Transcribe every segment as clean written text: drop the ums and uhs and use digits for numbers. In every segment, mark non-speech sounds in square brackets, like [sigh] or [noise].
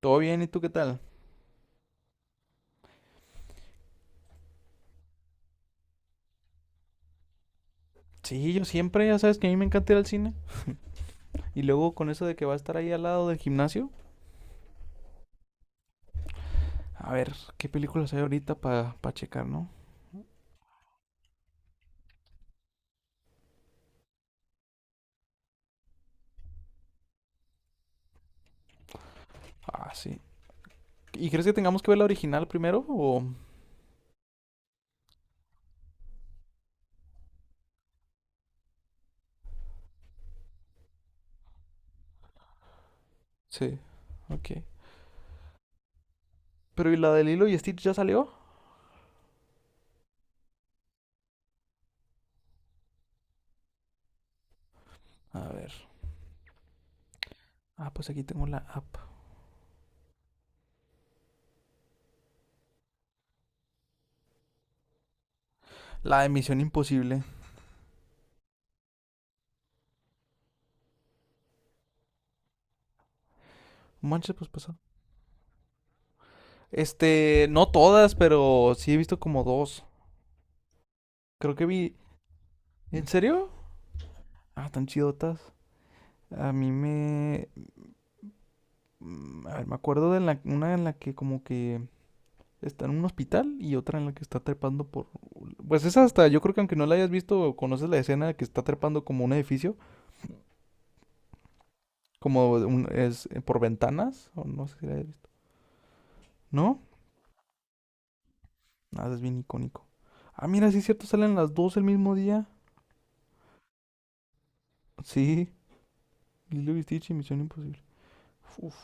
Todo bien, ¿y tú qué tal? Sí, yo siempre, ya sabes que a mí me encanta ir al cine. Y luego con eso de que va a estar ahí al lado del gimnasio, a ver qué películas hay ahorita para checar, ¿no? Ah, sí. ¿Y crees que tengamos que ver la original primero? O. Sí, ok. Pero ¿y la de Lilo y Stitch ya salió? A ver. Ah, pues aquí tengo la app. La de Misión Imposible. Manches, pues pasó. Este, no todas, pero sí he visto como dos. Creo que vi. ¿En serio? Ah, tan chidotas. A mí me. A ver, me acuerdo de una en la que como que está en un hospital y otra en la que está trepando por... Pues esa hasta, yo creo que aunque no la hayas visto, conoces la escena que está trepando como un edificio, es por ventanas, o no sé si la hayas visto. ¿No? Nada, es bien icónico. Ah, mira, sí es cierto, salen las dos el mismo día. Sí, Lilo y Stitch y Misión Imposible. Uf,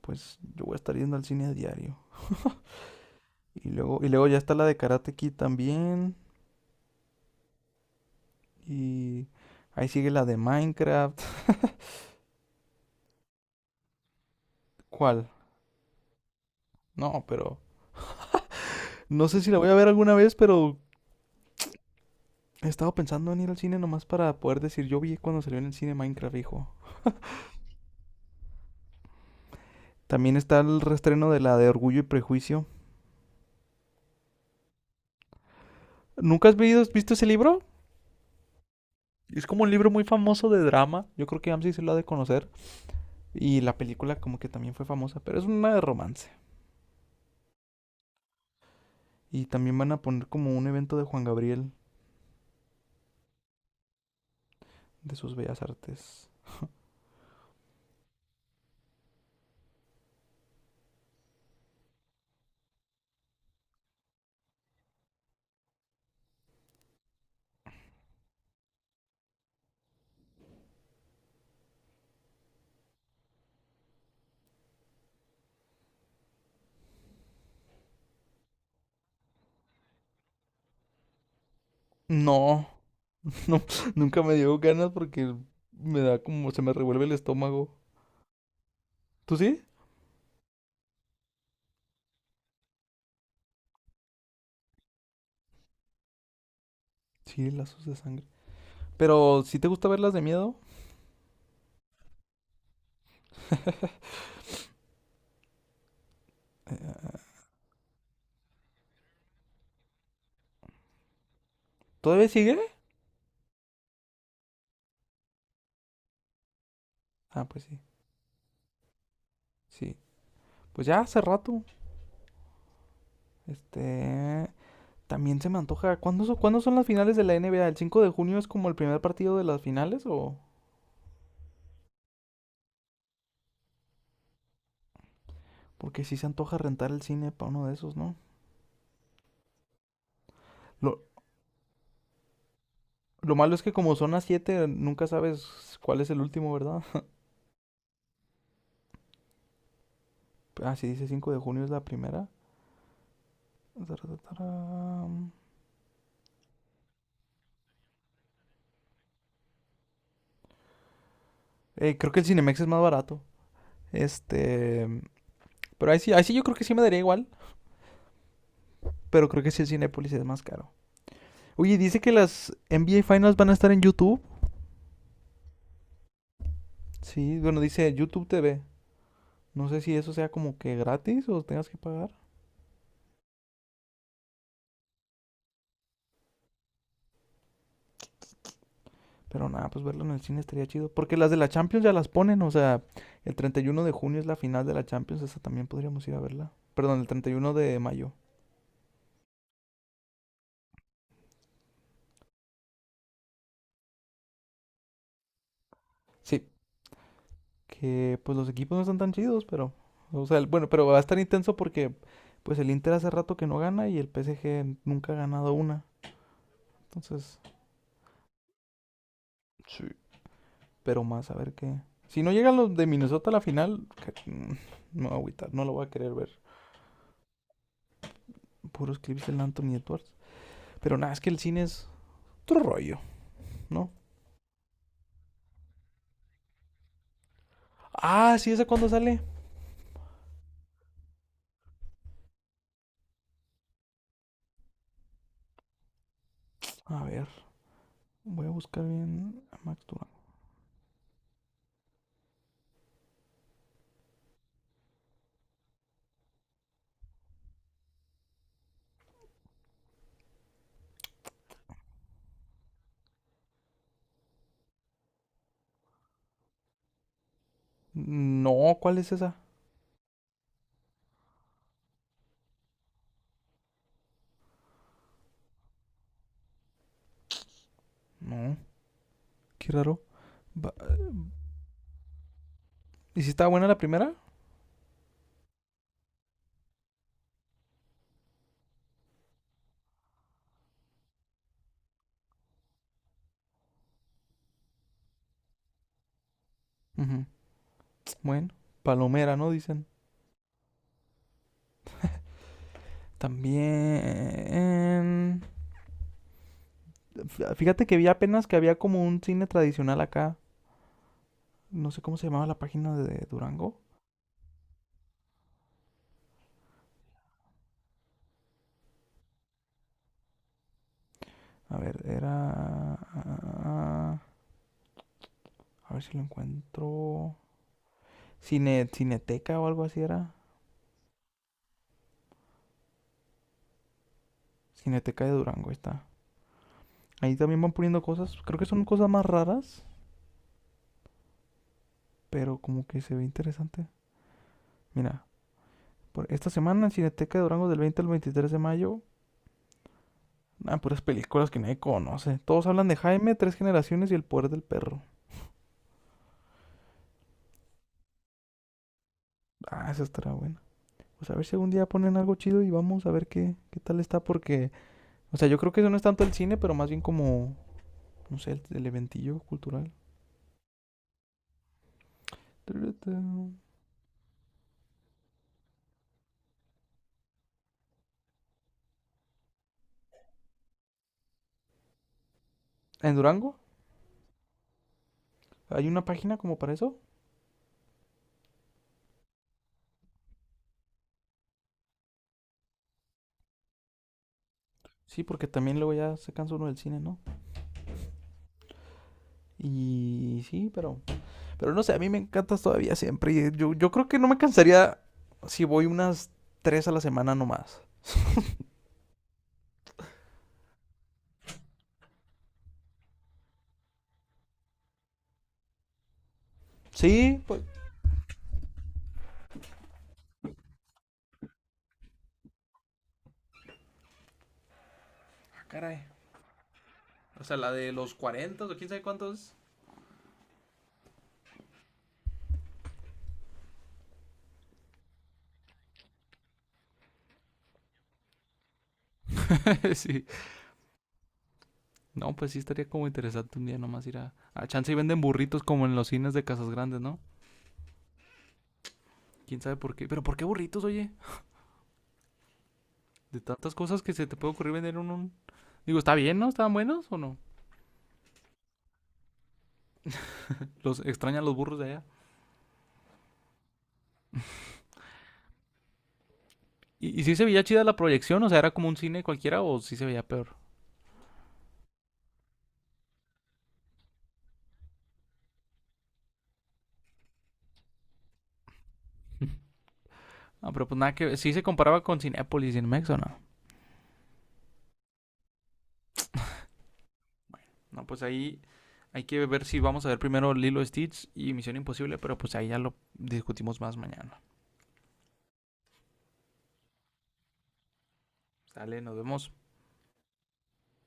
pues yo voy a estar yendo al cine a diario. Y luego ya está la de Karate Kid también. Y ahí sigue la de Minecraft. [laughs] ¿Cuál? No, pero no sé si la voy a ver alguna vez, pero he estado pensando en ir al cine nomás para poder decir, yo vi cuando salió en el cine Minecraft, hijo. También está el restreno de la de Orgullo y Prejuicio. ¿Nunca has visto ese libro? Es como un libro muy famoso de drama. Yo creo que Amsi se lo ha de conocer. Y la película como que también fue famosa, pero es una de romance. Y también van a poner como un evento de Juan Gabriel de sus bellas artes. No, [laughs] no, nunca me dio ganas porque me da como, se me revuelve el estómago. ¿Tú sí? Sí, lazos de sangre. Pero, ¿si te gusta verlas de miedo? Eh, ¿Todavía sigue? Ah, pues sí, sí. Pues ya hace rato. Este... También se me antoja. ¿Cuándo son las finales de la NBA? ¿El 5 de junio es como el primer partido de las finales o...? Porque sí se antoja rentar el cine para uno de esos, ¿no? Lo, lo malo es que como son las 7, nunca sabes cuál es el último, ¿verdad? [laughs] Ah, sí, dice 5 de junio es la primera. Tararararam. Creo que el Cinemex es más barato. Este... Pero ahí sí yo creo que sí me daría igual. Pero creo que sí el Cinépolis es más caro. Oye, dice que las NBA Finals van a estar en YouTube. Sí, bueno, dice YouTube TV. No sé si eso sea como que gratis o tengas que pagar. Pero nada, pues verlo en el cine estaría chido. Porque las de la Champions ya las ponen. O sea, el 31 de junio es la final de la Champions. Esa también podríamos ir a verla. Perdón, el 31 de mayo. Sí. Que pues los equipos no están tan chidos, pero... O sea, el- bueno, pero va a estar intenso porque pues el Inter hace rato que no gana y el PSG nunca ha ganado una. Entonces, sí. Pero más, a ver qué. Si no llegan los de Minnesota a la final, me voy a agüitar, no lo voy a querer ver. Puros clips del Anthony Edwards. Pero nada, es que el cine es otro rollo, ¿no? Ah, sí, ¿esa cuándo sale? A ver, voy a buscar bien a Max Duran. No, ¿cuál es esa? No, qué raro. ¿Y si estaba buena la primera? Ujú. Bueno, palomera, ¿no? Dicen. También... Fíjate que vi apenas que había como un cine tradicional acá. No sé cómo se llamaba la página de Durango. A ver, era. Ah, a ver si lo encuentro. Cine, Cineteca o algo así era. Cineteca de Durango, ahí está. Ahí también van poniendo cosas. Creo que son cosas más raras, pero como que se ve interesante. Mira, por esta semana en Cineteca de Durango del 20 al 23 de mayo. Ah, puras películas que nadie conoce. Todos hablan de Jaime, Tres Generaciones y El Poder del Perro. Ah, esa estará buena. Pues a ver si algún día ponen algo chido y vamos a ver qué, qué tal está porque... O sea, yo creo que eso no es tanto el cine, pero más bien como no sé, el eventillo cultural. En Durango hay una página como para eso. Sí, porque también luego ya se cansa uno del cine, ¿no? Y sí, pero. Pero no sé, a mí me encantas todavía siempre. Y yo creo que no me cansaría si voy unas tres a la semana nomás. [laughs] Sí, pues. Ah, caray. O sea, la de los 40 o quién sabe cuántos. [laughs] sí. No, pues sí estaría como interesante un día nomás ir a. A chance y venden burritos como en los cines de Casas Grandes, ¿no? Quién sabe por qué. Pero ¿por qué burritos, oye? De tantas cosas que se te puede ocurrir vender en un... Digo, ¿está bien, no? ¿Estaban buenos o no? Los extrañan los burros de allá. Y sí se veía chida la proyección? O sea, ¿era como un cine cualquiera o sí se veía peor? [laughs] No, pero pues nada que... ¿Sí se comparaba con Cinepolis y Cinemex o no? Bueno, no, pues ahí hay que ver si vamos a ver primero Lilo Stitch y Misión Imposible, pero pues ahí ya lo discutimos más mañana. Sale, nos vemos.